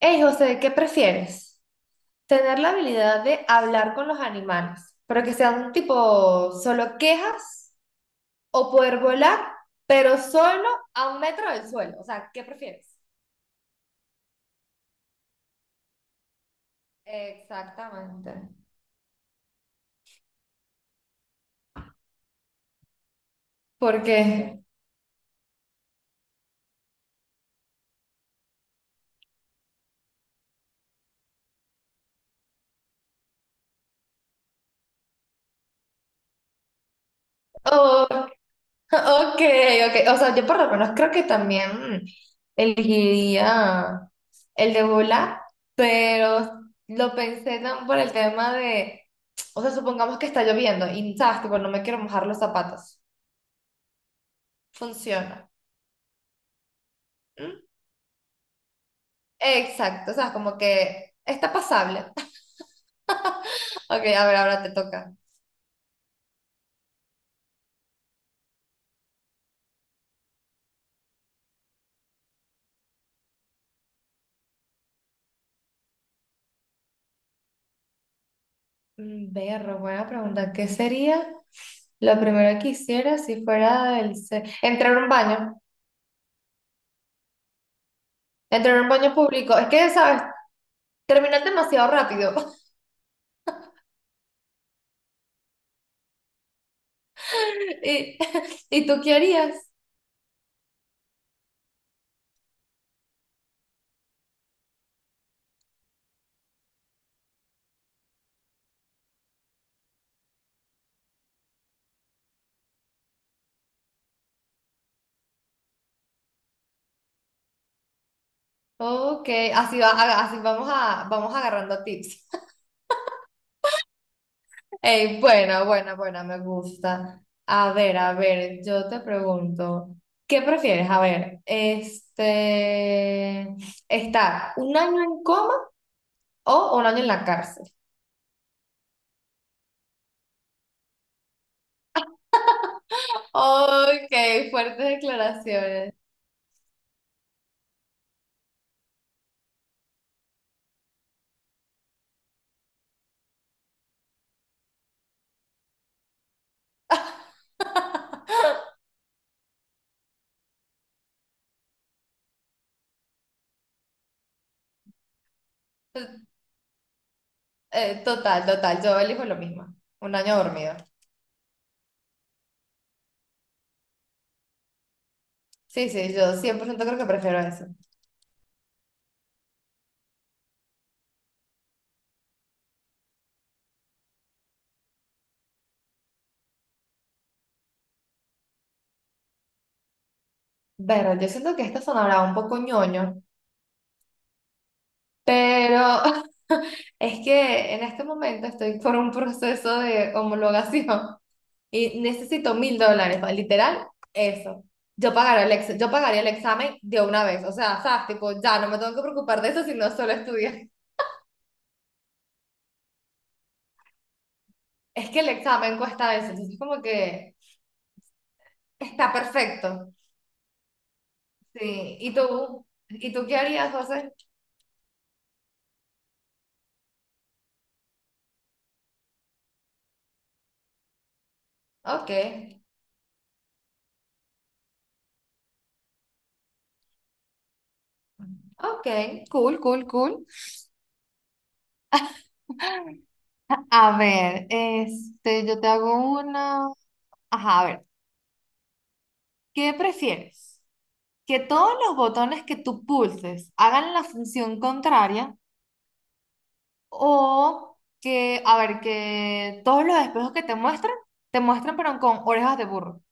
Hey José, ¿qué prefieres? ¿Tener la habilidad de hablar con los animales, pero que sean tipo solo quejas o poder volar, pero solo a 1 metro del suelo? O sea, ¿qué prefieres? Exactamente. ¿Por qué? Ok, ok. O sea, yo por lo menos creo que también elegiría el de volar, pero lo pensé tan por el tema de, o sea, supongamos que está lloviendo y, ¿sabes? Tipo, no me quiero mojar los zapatos. Funciona. ¿Mm? Exacto, o sea, como que está pasable. Ok, a ver, ahora te toca. Berro, buena pregunta. ¿Qué sería lo primero que hiciera si fuera Entrar a un baño. El tener un baño público, es que, ¿sabes? Terminan demasiado rápido. ¿Y, ¿y tú qué harías? Ok, así, va, así vamos, vamos agarrando tips. Ey, buena, buena, buena, me gusta. A ver, yo te pregunto, ¿qué prefieres? A ver, este, ¿estar un año en coma o un año en la cárcel? Ok, fuertes declaraciones. Total, total, yo elijo lo mismo. Un año dormido. Sí, sí, yo 100% creo que prefiero eso. Pero yo siento que esto sonará un poco ñoño, pero es que en este momento estoy por un proceso de homologación y necesito $1,000, o sea, literal, eso. Yo pagaría el examen de una vez, o sea, sabes, tipo, ya no me tengo que preocupar de eso, sino solo estudiar. Es que el examen cuesta eso, entonces como que está perfecto. Sí, ¿y tú? ¿Y tú qué harías, José? Ok, ok, cool, cool, cool. A ver, este, yo te hago una. Ajá, a ver, ¿qué prefieres? ¿Que todos los botones que tú pulses hagan la función contraria o que, a ver, que todos los espejos que te muestran pero con orejas de burro?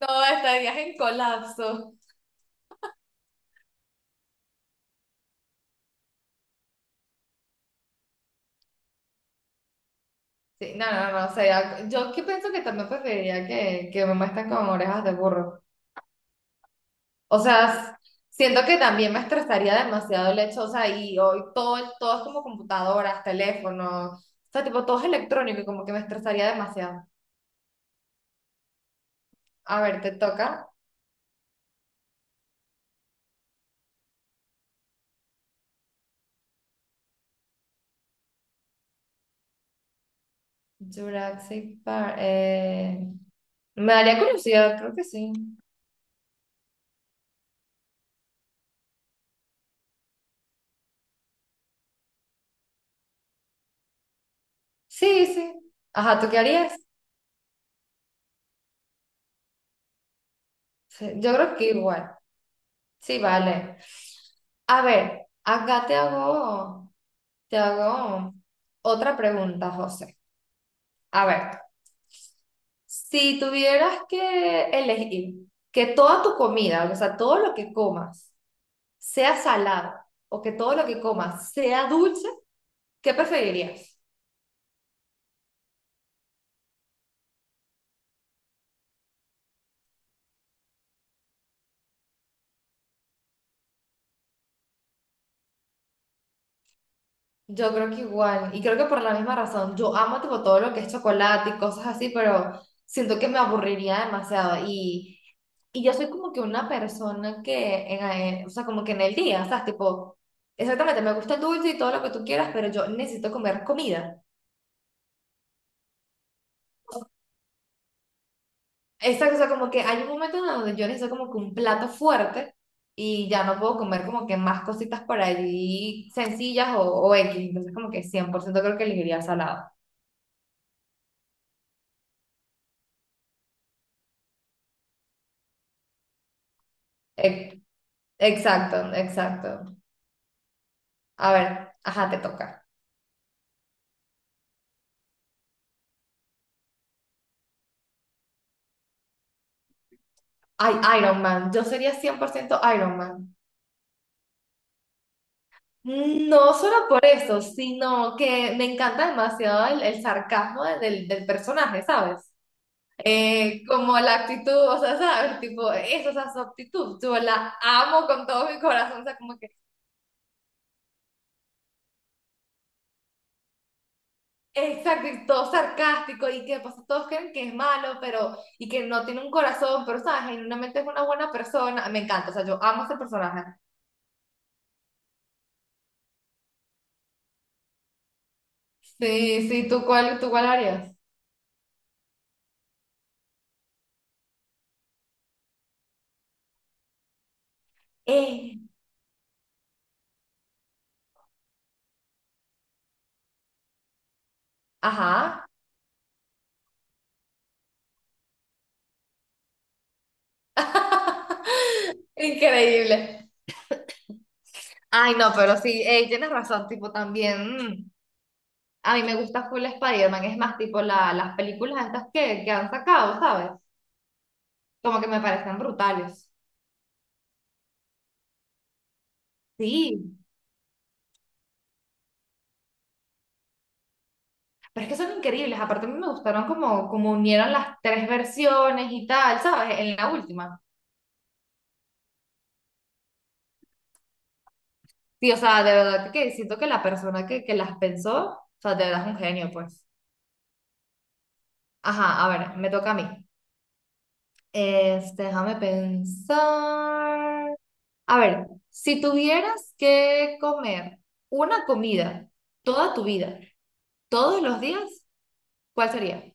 No, estarías en colapso. Sí, no, no, no, o sea, yo que pienso que también preferiría que me muestren con orejas de burro. O sea, siento que también me estresaría demasiado el hecho, o sea, y hoy todo, todo es como computadoras, teléfonos, o sea, tipo, todo es electrónico y como que me estresaría demasiado. A ver, te toca. Jurassic Park. Me daría curiosidad, creo que sí. Sí, sí. Ajá, ¿tú qué harías? Sí, yo creo que igual. Sí, vale. A ver, acá te hago otra pregunta, José. A ver. Si tuvieras que elegir que toda tu comida, o sea, todo lo que comas sea salado o que todo lo que comas sea dulce, ¿qué preferirías? Yo creo que igual, y creo que por la misma razón, yo amo tipo todo lo que es chocolate y cosas así, pero siento que me aburriría demasiado y yo soy como que una persona que, en, o sea, como que en el día, o sea, tipo, exactamente, me gusta el dulce y todo lo que tú quieras, pero yo necesito comer comida. Esta cosa como que hay un momento en donde yo necesito como que un plato fuerte y ya no puedo comer como que más cositas por allí sencillas o X. Entonces como que 100% creo que elegiría salado. Ex- Exacto, exacto. A ver, ajá, te toca. Ay, Iron Man. Yo sería 100% Iron Man. No solo por eso, sino que me encanta demasiado el sarcasmo del personaje, ¿sabes? Como la actitud, o sea, ¿sabes? Tipo, eso, o sea, su actitud, yo la amo con todo mi corazón, o sea, como que exacto, y todo sarcástico, y que pues, todos creen que es malo, pero, y que no tiene un corazón, pero, ¿sabes? Genuinamente es una buena persona, me encanta, o sea, yo amo ese personaje. Sí, sí, ¿Tú cuál harías? Eh, ajá. Increíble. Ay, no, pero sí, ey, tienes razón, tipo, también. A mí me gusta full Spider-Man, es más, tipo las películas estas que han sacado, ¿sabes? Como que me parecen brutales. Sí, pero es que son increíbles. Aparte, a mí me gustaron como unieron las tres versiones y tal, ¿sabes? En la última. Sí, o sea, de verdad que siento que la persona que las pensó, o sea, de verdad es un genio, pues. Ajá, a ver, me toca a mí. Este, déjame pensar. A ver, si tuvieras que comer una comida toda tu vida, ¿Todos los días? ¿Cuál sería?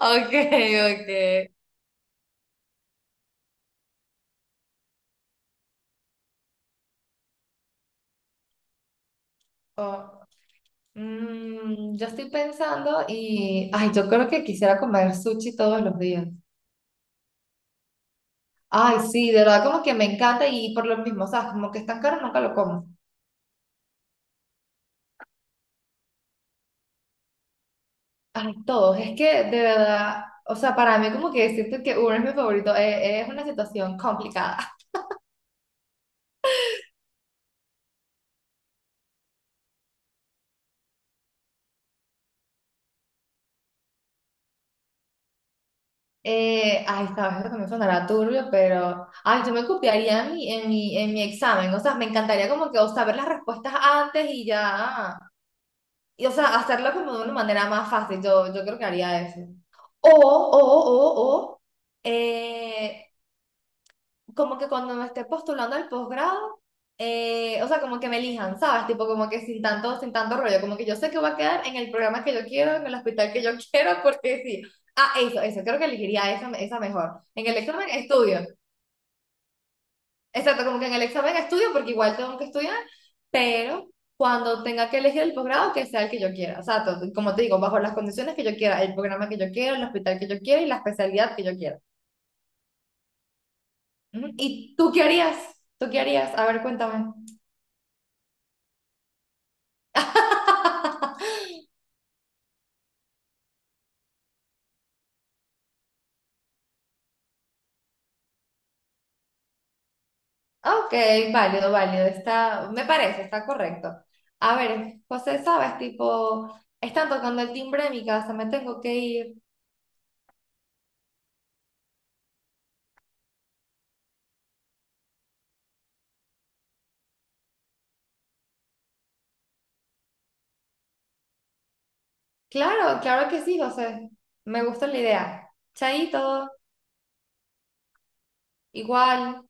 Ok, ok. O- Mm, yo estoy pensando y, ay, yo creo que quisiera comer sushi todos los días. Ay, sí, de verdad como que me encanta y por lo mismo, o sea, como que es tan caro, nunca lo como. Ay, todos, es que de verdad, o sea, para mí como que siento que uno es mi favorito, es una situación complicada. Ay, sabes que me sonará turbio, pero ay, yo me copiaría en mi examen. O sea, me encantaría como que o saber las respuestas antes y ya. Y o sea, hacerlo como de una manera más fácil. Yo creo que haría eso. O, o, o, o, eh, Como que cuando me esté postulando al posgrado, o sea, como que me elijan, ¿sabes? Tipo, como que sin tanto rollo, como que yo sé que voy a quedar en el programa que yo quiero, en el hospital que yo quiero, porque sí. Ah, eso, creo que elegiría esa mejor. En el examen estudio, exacto, como que en el examen estudio, porque igual tengo que estudiar, pero cuando tenga que elegir el posgrado, que sea el que yo quiera, o sea, como te digo, bajo las condiciones que yo quiera, el programa que yo quiero, el hospital que yo quiero y la especialidad que yo quiera. Ujú. ¿Y tú qué harías? ¿Tú qué harías? A ver, cuéntame. Ok, válido, válido. Está, me parece, está correcto. A ver, José, sabes, tipo, están tocando el timbre de mi casa, me tengo que ir. Claro, claro que sí, José. Me gusta la idea. Chaito, igual.